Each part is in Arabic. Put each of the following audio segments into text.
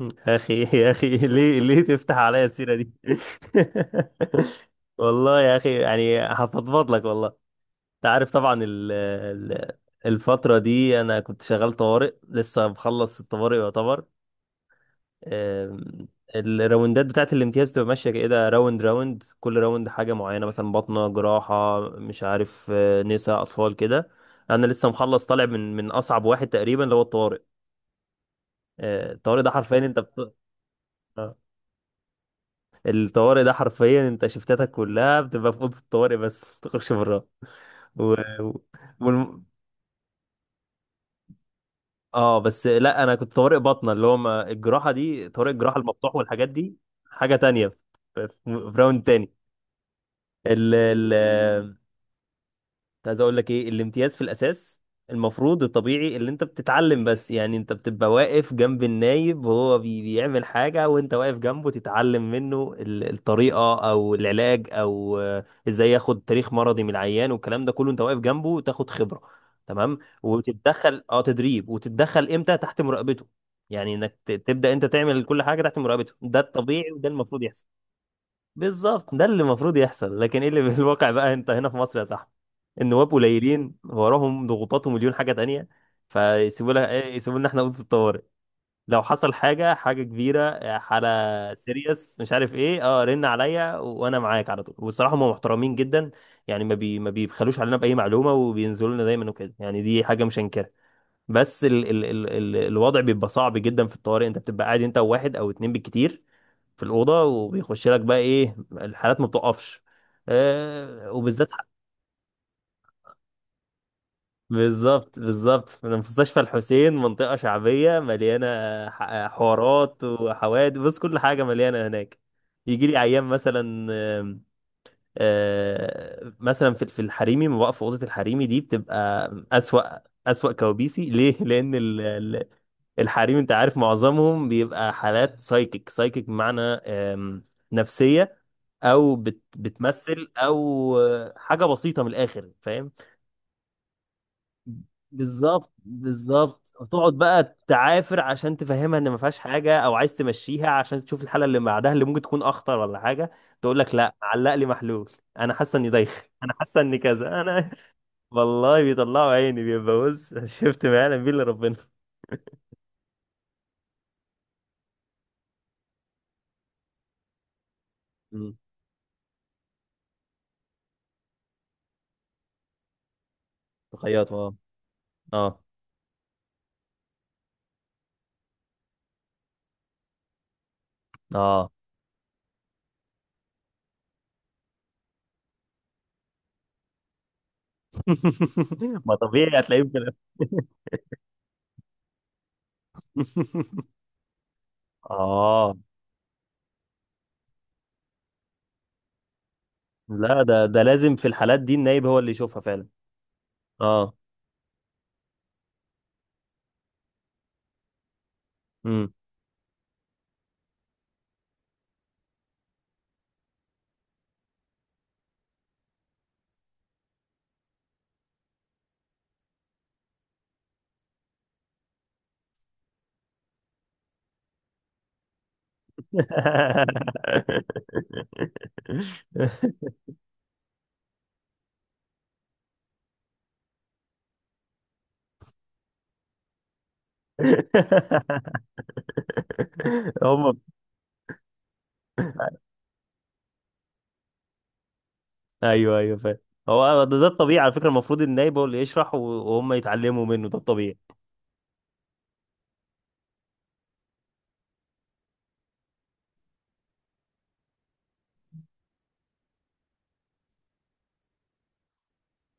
يا اخي، يا اخي، ليه تفتح عليا السيره دي؟ والله يا اخي، يعني هفضفض لك والله. انت عارف طبعا ال ال الفتره دي انا كنت شغال طوارئ، لسه مخلص الطوارئ يعتبر. أم، الراوندات بتاعت الامتياز تبقى ماشيه كده، راوند راوند، كل راوند حاجه معينه، مثلا بطنه، جراحه، مش عارف، نساء، اطفال كده. انا لسه مخلص، طالع من اصعب واحد تقريبا اللي هو الطوارئ. الطوارئ ده حرفيا آه. الطوارئ ده حرفيا انت شفتاتك كلها بتبقى في اوضه الطوارئ، بس ما بتخرجش براها. و... و... والم- اه، بس لا، انا كنت طوارئ باطنه، اللي هو ما الجراحه دي، طوارئ الجراحه المفتوح والحاجات دي، حاجه تانية. في راوند تاني. ال... ال... كنت عايز اقول لك ايه، الامتياز في الاساس المفروض الطبيعي اللي انت بتتعلم، بس يعني انت بتبقى واقف جنب النايب وهو بيعمل حاجة، وانت واقف جنبه تتعلم منه الطريقة او العلاج، او ازاي ياخد تاريخ مرضي من العيان والكلام ده كله، انت واقف جنبه تاخد خبرة، تمام، وتتدخل تدريب، وتتدخل امتى تحت مراقبته، يعني انك تبدأ انت تعمل كل حاجة تحت مراقبته، ده الطبيعي وده المفروض يحصل. بالظبط، ده اللي المفروض يحصل، لكن ايه اللي في الواقع بقى؟ انت هنا في مصر يا صاحبي، النواب قليلين وراهم ضغوطات ومليون حاجه تانية، فيسيبوا لها ايه؟ يسيبوا لنا احنا اوضه الطوارئ. لو حصل حاجه كبيره، حاله سيريس، مش عارف ايه، رن عليا، وانا معاك على طول. والصراحه، هم محترمين جدا، يعني ما بيبخلوش علينا باي معلومه، وبينزلوا لنا دايما وكده، يعني دي حاجه مش هنكرها. بس ال ال ال ال الوضع بيبقى صعب جدا في الطوارئ، انت بتبقى قاعد انت وواحد او اتنين بالكتير في الأوضة، وبيخش لك بقى إيه الحالات ما بتقفش، وبالذات بالظبط، بالظبط في مستشفى الحسين، منطقة شعبية مليانة حوارات وحوادث، بص كل حاجة مليانة هناك. يجي لي أيام مثلا، آم، آه، مثلا في الحريمي ما بقف في أوضة الحريمي دي، بتبقى أسوأ أسوأ كوابيسي. ليه؟ لأن الحريم أنت عارف معظمهم بيبقى حالات سايكيك، سايكيك بمعنى نفسية، او بتمثل، او حاجه بسيطه من الاخر، فاهم؟ بالظبط، بالظبط، وتقعد بقى تعافر عشان تفهمها ان ما فيهاش حاجه، او عايز تمشيها عشان تشوف الحلقه اللي بعدها اللي ممكن تكون اخطر ولا حاجه. تقول لك لا، علق لي محلول، انا حاسه اني دايخ، انا حاسه اني كذا، انا. والله بيطلعوا عيني، بيبقى بص شفت؟ ما يعلم بيه الا ربنا. مم. تخيط، اه. اه، اه. ما طبيعي هتلاقيه اه. لا ده لازم في الحالات دي النايب هو اللي يشوفها فعلا. اه، امم. هم. ايوه، ايوه، فاهم. هو ده الطبيعي على فكره، المفروض النايب هو اللي يشرح، وهم يتعلموا منه، ده الطبيعي.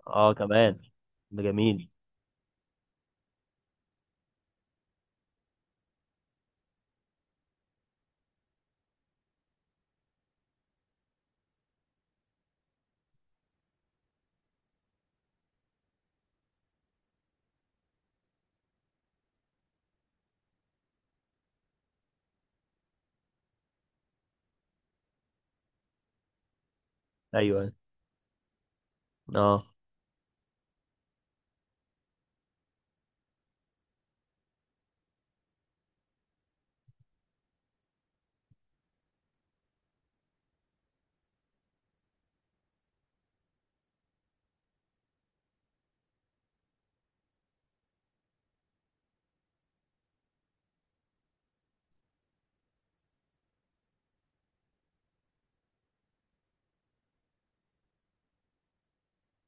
اه، كمان، ده جميل. ايوه، أيوه. اه،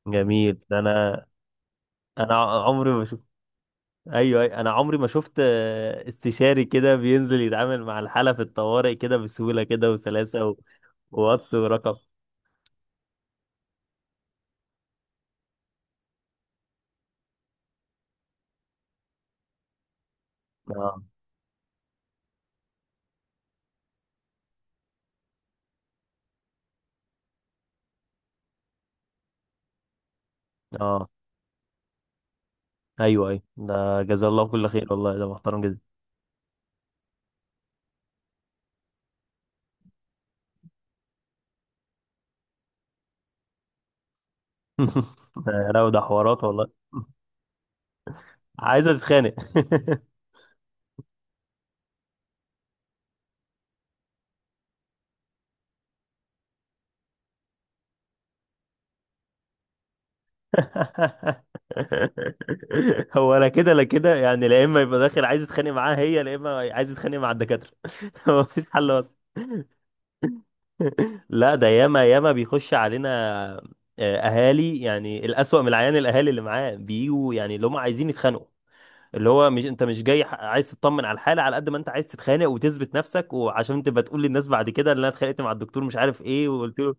جميل، ده انا عمري ما شفت. ايوه، أيوة، انا عمري ما شفت استشاري كده بينزل يتعامل مع الحاله في الطوارئ كده بسهوله كده وسلاسه. واتس ورقم. اه، اه، ايوه، ايوه، ده جزاه الله كل خير والله، ده محترم جدا. ده لا، ده حوارات والله. عايزه تتخانق. هو انا كده، لا كده يعني، لا اما يبقى داخل عايز يتخانق معاها هي، لا اما عايز يتخانق مع الدكاتره. هو مفيش حل اصلا. لا ده ياما ياما بيخش علينا اهالي، يعني الاسوأ من العيان الاهالي اللي معاه، بيجوا يعني اللي هم عايزين يتخانقوا، اللي هو مش، انت مش جاي، عايز تطمن على الحاله على قد ما انت عايز تتخانق وتثبت نفسك، وعشان تبقى تقول للناس بعد كده اللي انا اتخانقت مع الدكتور مش عارف ايه، وقلت له.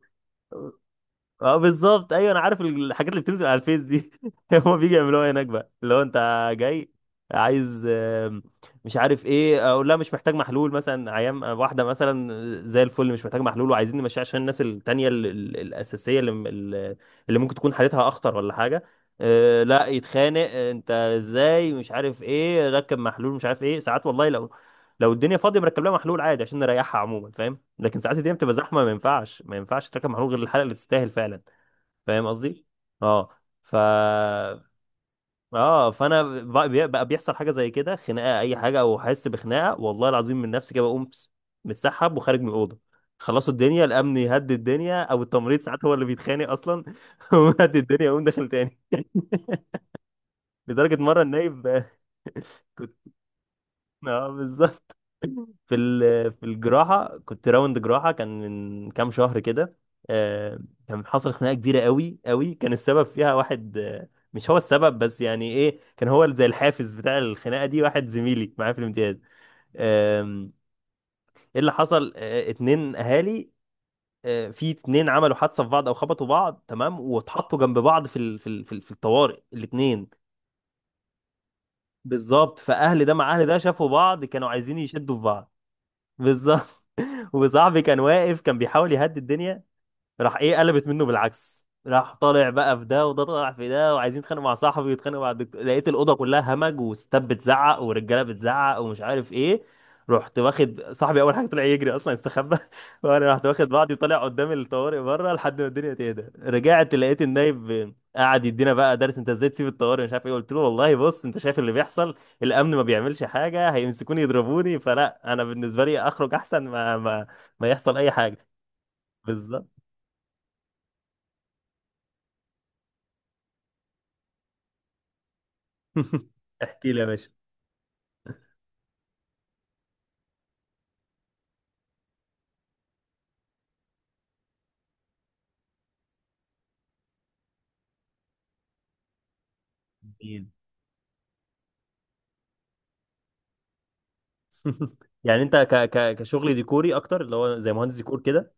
اه بالظبط، ايوه، انا عارف الحاجات اللي بتنزل على الفيس دي. هما بيجي يعملوها هناك بقى اللي هو انت جاي عايز مش عارف ايه، اقول لها مش محتاج محلول مثلا، عيام واحده مثلا زي الفل، مش محتاج محلول، وعايزين نمشيها عشان الناس التانيه الاساسيه، اللي ممكن تكون حالتها اخطر ولا حاجه. لا يتخانق، انت ازاي، مش عارف ايه، ركب محلول، مش عارف ايه. ساعات والله لو الدنيا فاضيه مركب لها محلول عادي عشان نريحها عموما، فاهم؟ لكن ساعات الدنيا بتبقى زحمه، ما ينفعش، ما ينفعش تركب محمول غير الحلقه اللي تستاهل فعلا. فاهم قصدي؟ اه. ف اه فانا بقى بيحصل حاجه زي كده، خناقه اي حاجه، او احس بخناقه والله العظيم من نفسي كده، بقوم متسحب وخارج من الاوضه، خلصوا الدنيا. الامن يهدد الدنيا، او التمريض ساعات هو اللي بيتخانق اصلا ويهدد الدنيا، ويقوم داخل تاني. لدرجه مره، النايب كنت اه، بالظبط. في الجراحه، كنت راوند جراحه، كان من كام شهر كده، آه، كان حصل خناقه كبيره قوي قوي، كان السبب فيها واحد، مش هو السبب بس، يعني ايه، كان هو زي الحافز بتاع الخناقه دي، واحد زميلي معايا في الامتياز. آم، ايه اللي حصل؟ اتنين اهالي، في اتنين عملوا حادثه في بعض او خبطوا بعض، تمام، واتحطوا جنب بعض في الطوارئ الاتنين. بالظبط، فاهل ده مع اهل ده، شافوا بعض، كانوا عايزين يشدوا في بعض. بالظبط. وصاحبي كان واقف، كان بيحاول يهدي الدنيا، راح ايه، قلبت منه بالعكس، راح طالع بقى في ده، وده طالع في ده، وعايزين يتخانقوا مع صاحبي ويتخانقوا مع الدكتور. لقيت الاوضه كلها همج، وستات بتزعق، ورجاله بتزعق، ومش عارف ايه. رحت واخد صاحبي، اول حاجه طلع يجري اصلا، استخبى. وانا رحت واخد بعضي وطالع قدام الطوارئ بره لحد ما الدنيا تهدى. رجعت لقيت النايب قاعد يدينا بقى درس، انت ازاي تسيب الطوارئ، مش عارف ايه. قلت له والله بص، انت شايف اللي بيحصل، الامن ما بيعملش حاجه، هيمسكوني يضربوني، فلا، انا بالنسبه لي اخرج احسن ما يحصل اي حاجه. بالظبط. احكي لي يا باشا. مين؟ يعني انت ك ك كشغل ديكوري اكتر، اللي هو زي مهندس ديكور كده؟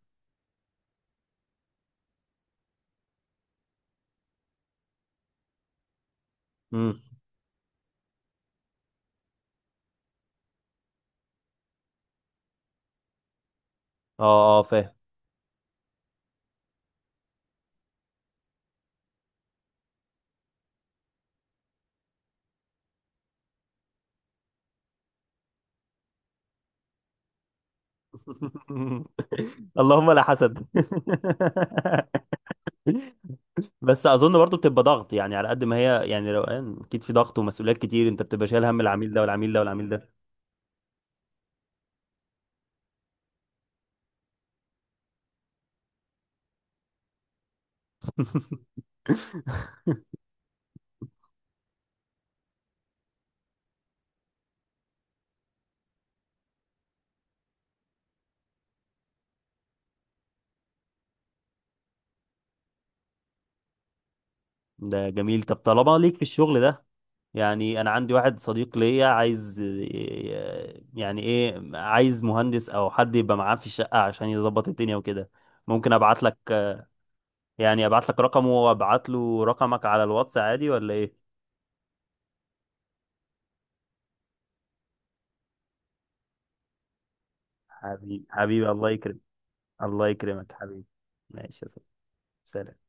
امم. اه، اه، فاهم. اللهم لا حسد. بس اظن برضو بتبقى ضغط، يعني على قد ما هي يعني روقان، اكيد في ضغط ومسؤوليات كتير، انت بتبقى شايل هم العميل ده والعميل ده والعميل ده. ده جميل، طب طالما ليك في الشغل ده، يعني انا عندي واحد صديق ليا عايز، يعني ايه، عايز مهندس او حد يبقى معاه في الشقة عشان يظبط الدنيا وكده، ممكن ابعت لك؟ يعني ابعت لك رقمه وابعت له رقمك على الواتس عادي ولا ايه؟ حبيبي، حبيبي، الله يكرمك حبيبي. ماشي يا صاحبي. سلام.